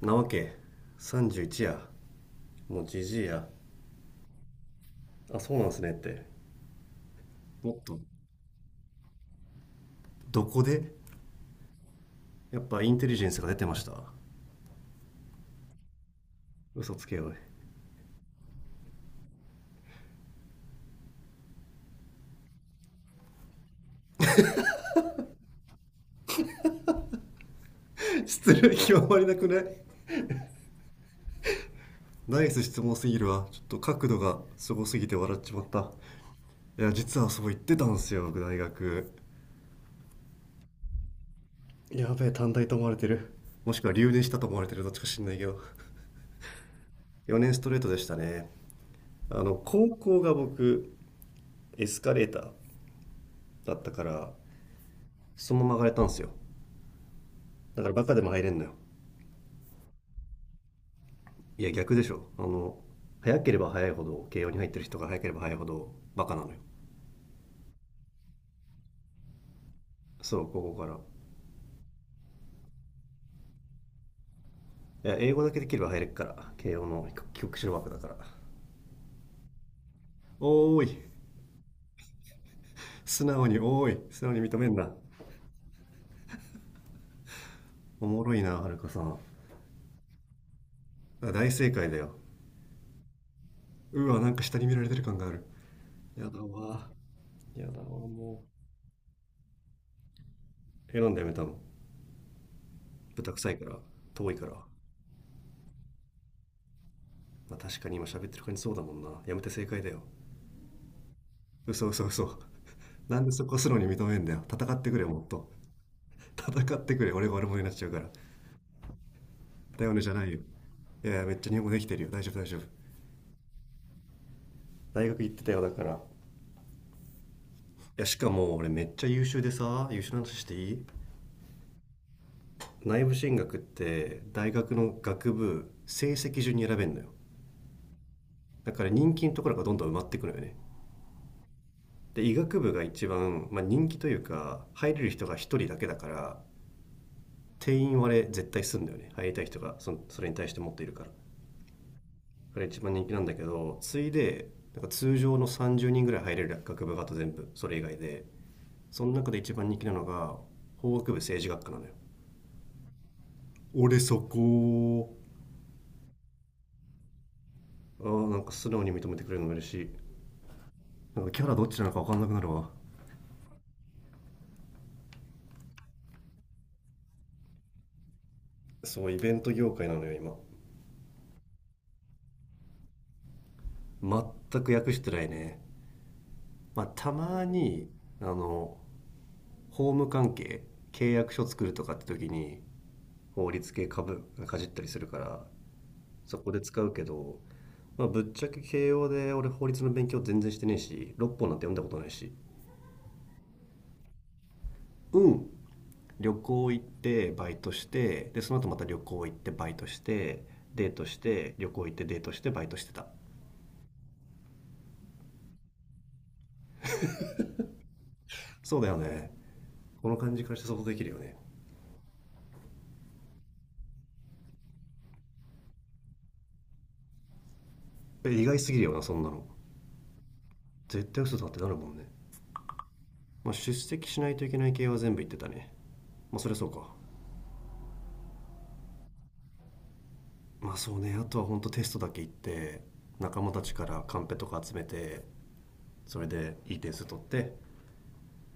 なわけ。31やもうじじいや。あそうなんすねって。もっとどこで、やっぱインテリジェンスが出てました？嘘つけよ おい。失礼極まりなくない？ナイス質問すぎるわ、ちょっと角度がすごすぎて笑っちまった。いや実はそう言ってたんすよ僕、大学。やべえ短大と思われてる。もしくは留年したと思われてる、どっちか知んないけど 4年ストレートでしたね。あの高校が僕エスカレーターだったから、そのまま上がれたんすよ。だからバカでも入れんのよ。いや逆でしょ、あの、早ければ早いほど慶応に入ってる人が、早ければ早いほどバカなのよ。そう、ここから。いや英語だけできれば入れっから慶応の。帰国子女枠だから。おーい、素直におーい、素直に認めんな。おもろいな、はるかさん。大正解だよ。うわなんか下に見られてる感がある。やだわ。やだわ、もう選んでやめたの。豚臭いから。遠いから。まあ確かに今喋ってる感じそうだもんな、やめて正解だよ。嘘嘘嘘 なんでそこ素直に認めんだよ、戦ってくれよもっと。戦ってくれ、俺が悪者になっちゃうから。だよねじゃないよ。いやいやめっちゃ日本語できてるよ、大丈夫大丈夫。大学行ってたよだから。いやしかも俺めっちゃ優秀でさ、優秀な話していい？内部進学って大学の学部成績順に選べんのよ。だから人気のところがどんどん埋まってくのよね。で医学部が一番、まあ、人気というか、入れる人が一人だけだから定員割れ絶対すんだよね。入りたい人がそれに対して持っているからが一番人気なんだけど、次いでなんか通常の30人ぐらい入れる学部が、あと全部それ以外で、その中で一番人気なのが法学部政治学科なのよ。俺そこ。ああなんか素直に認めてくれるの嬉しい。なんかキャラどっちなのか分かんなくなるわ。そう、イベント業界なのよ今。全く訳してないね。まあたまに、あの、法務関係、契約書作るとかって時に、法律系株がかじったりするから、そこで使うけど、まあ、ぶっちゃけ慶応で俺法律の勉強全然してねえし、六本なんて読んだことないし。うん、旅行行ってバイトして、でその後また旅行行ってバイトして、デートして旅行行ってデートしてバイトしてた。そうだよね、この感じからして想像できるよね。え意外すぎるよなそんなの。絶対嘘だってなるもんね。まあ、出席しないといけない系は全部言ってたね。まあそりゃそうか。まあそうね、あとはほんとテストだけ行って、仲間たちからカンペとか集めて、それでいい点数取って、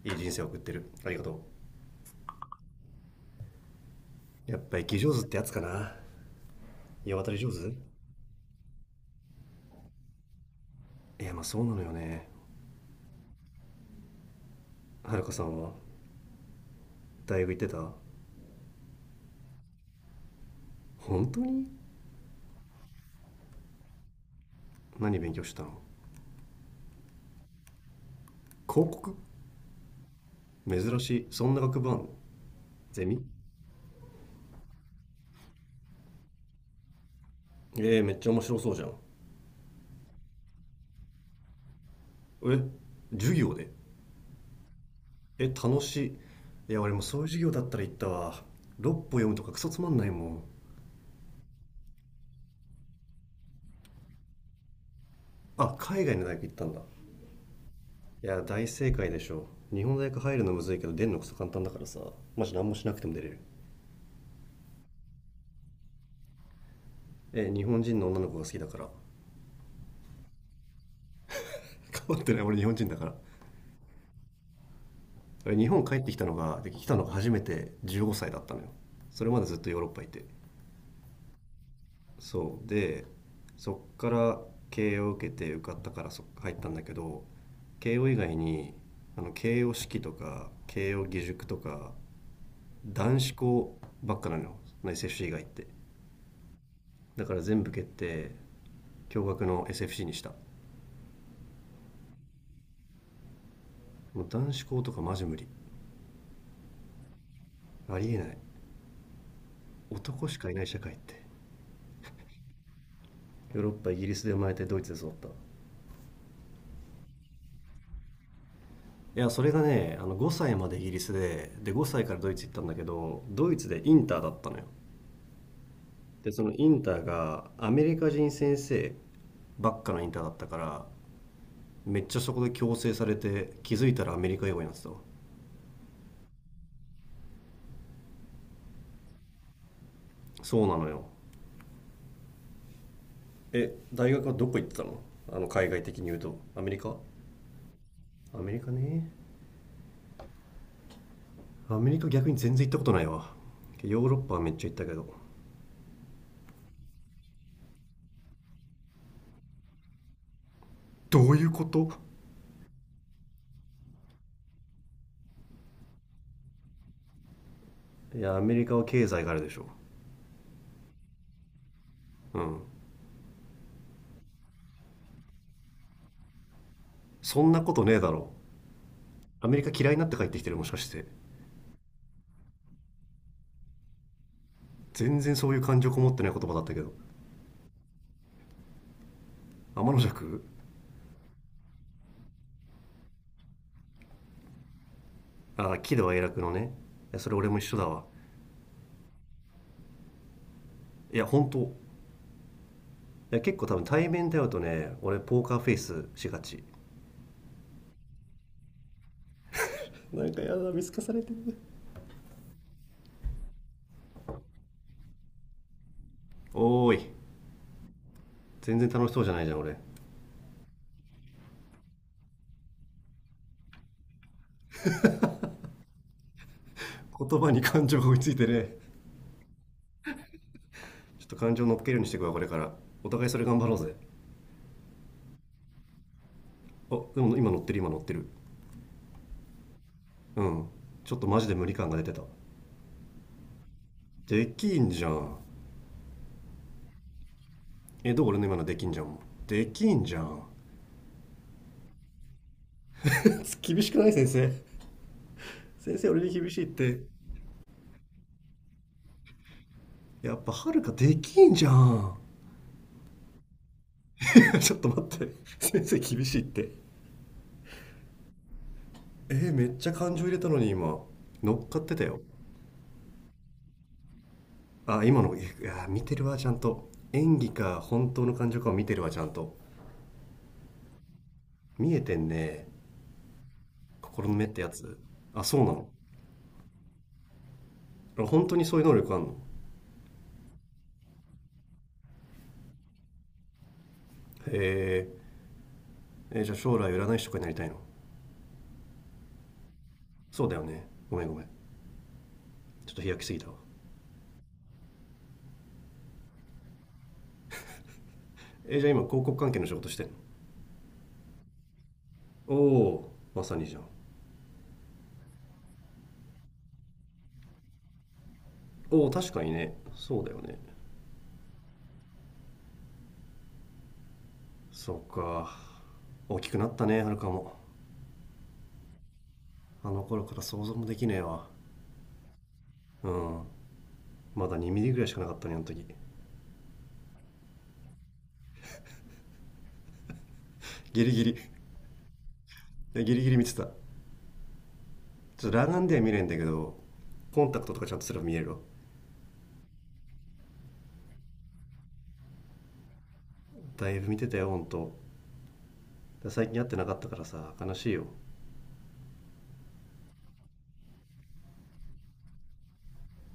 いい人生を送ってる。ありがと。うやっぱ生き上手ってやつかな。世渡り上手。いやまあそうなのよね。はるかさんは大学行ってた？本当に、何勉強したの？広告？珍しい、そんな学部あんの？ゼミ？えー、めっちゃ面白そうじゃん。え、授業で？え楽しい。いや俺もそういう授業だったら行ったわ。六歩読むとかクソつまんないもん。あ、海外の大学行ったんだ。いや大正解でしょ、日本大学入るのむずいけど出るのくそ簡単だからさ。マジ何もしなくても出れる。え日本人の女の子が好きだから 変わってない、俺日本人だから。俺日本帰ってきたのが、で来たのが初めて15歳だったのよ。それまでずっとヨーロッパいて。そうで、そっから慶応受けて受かったから入ったんだけど、慶応以外に、あの慶応式とか慶応義塾とか男子校ばっかなのよ、内接種以外って。だから全部蹴って、驚愕の SFC にした。もう男子校とかマジ無理。ありえない、男しかいない社会って。ヨーロッパ、イギリスで生まれてドイツで育った。いやそれがね、あの5歳までイギリスで5歳からドイツ行ったんだけど、ドイツでインターだったのよ。でそのインターがアメリカ人先生ばっかのインターだったから、めっちゃそこで強制されて、気づいたらアメリカ英語になってたわ。そうなのよ。え大学はどこ行ってたの？あの海外的に言うとアメリカ。アメリカね。アメリカ逆に全然行ったことないわ、ヨーロッパはめっちゃ行ったけど。どういうこと？いやアメリカは経済があるでしょ。うん、そんなことねえだろ。アメリカ嫌いになって帰ってきてる、もしかして？全然そういう感情こもってない言葉だったけど。天の尺。ああ喜怒哀楽のね。いやそれ俺も一緒だわ。いや本当、いや結構多分対面で会うとね、俺ポーカーフェイスしがち。なんかやだ、見透かされてる。おーい、全然楽しそうじゃないじゃん俺。言葉に感情が追いついてね。ちょっと感情乗っけるようにしていくわこれから。お互いそれ頑張ろうぜ。あでも今乗ってる、今乗ってる。うん。ちょっとマジで無理感が出てた。できんじゃん。えどう俺の今のできんじゃんも。できんじゃん 厳しくない先生？先生俺に厳しいって。やっぱはるかできんじゃん ちょっと待って、先生厳しいって。えーめっちゃ感情入れたのに今。乗っかってたよ。あ今のいや見てるわちゃんと、演技か本当の感情かを見てるわちゃんと。見えてんね。心の目ってやつ？あそうなの？本当にそういう能力あんの？へ、ええじゃあ将来占い師とかになりたいの？そうだよね、ごめんごめん、ちょっと飛躍しすぎたわ。えーじゃあ今広告関係の仕事してんの？おお、まさにじゃん。おお確かにね、そうだよね。そうか、大きくなったねはるかも。あの頃から想像もできねえわ。うん、まだ2ミリぐらいしかなかったねあの時。ギリギリ、いやギリギリ見てた。ちょっと裸眼では見れんだけど、コンタクトとかちゃんとすれば見えるわ。だいぶ見てたよほんと。最近会ってなかったからさ悲しいよ。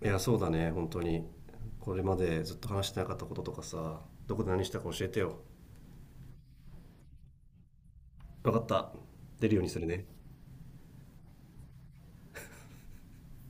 いやそうだね本当に、これまでずっと話してなかったこととかさ、どこで何したか教えてよ。分かった、出るようにするね。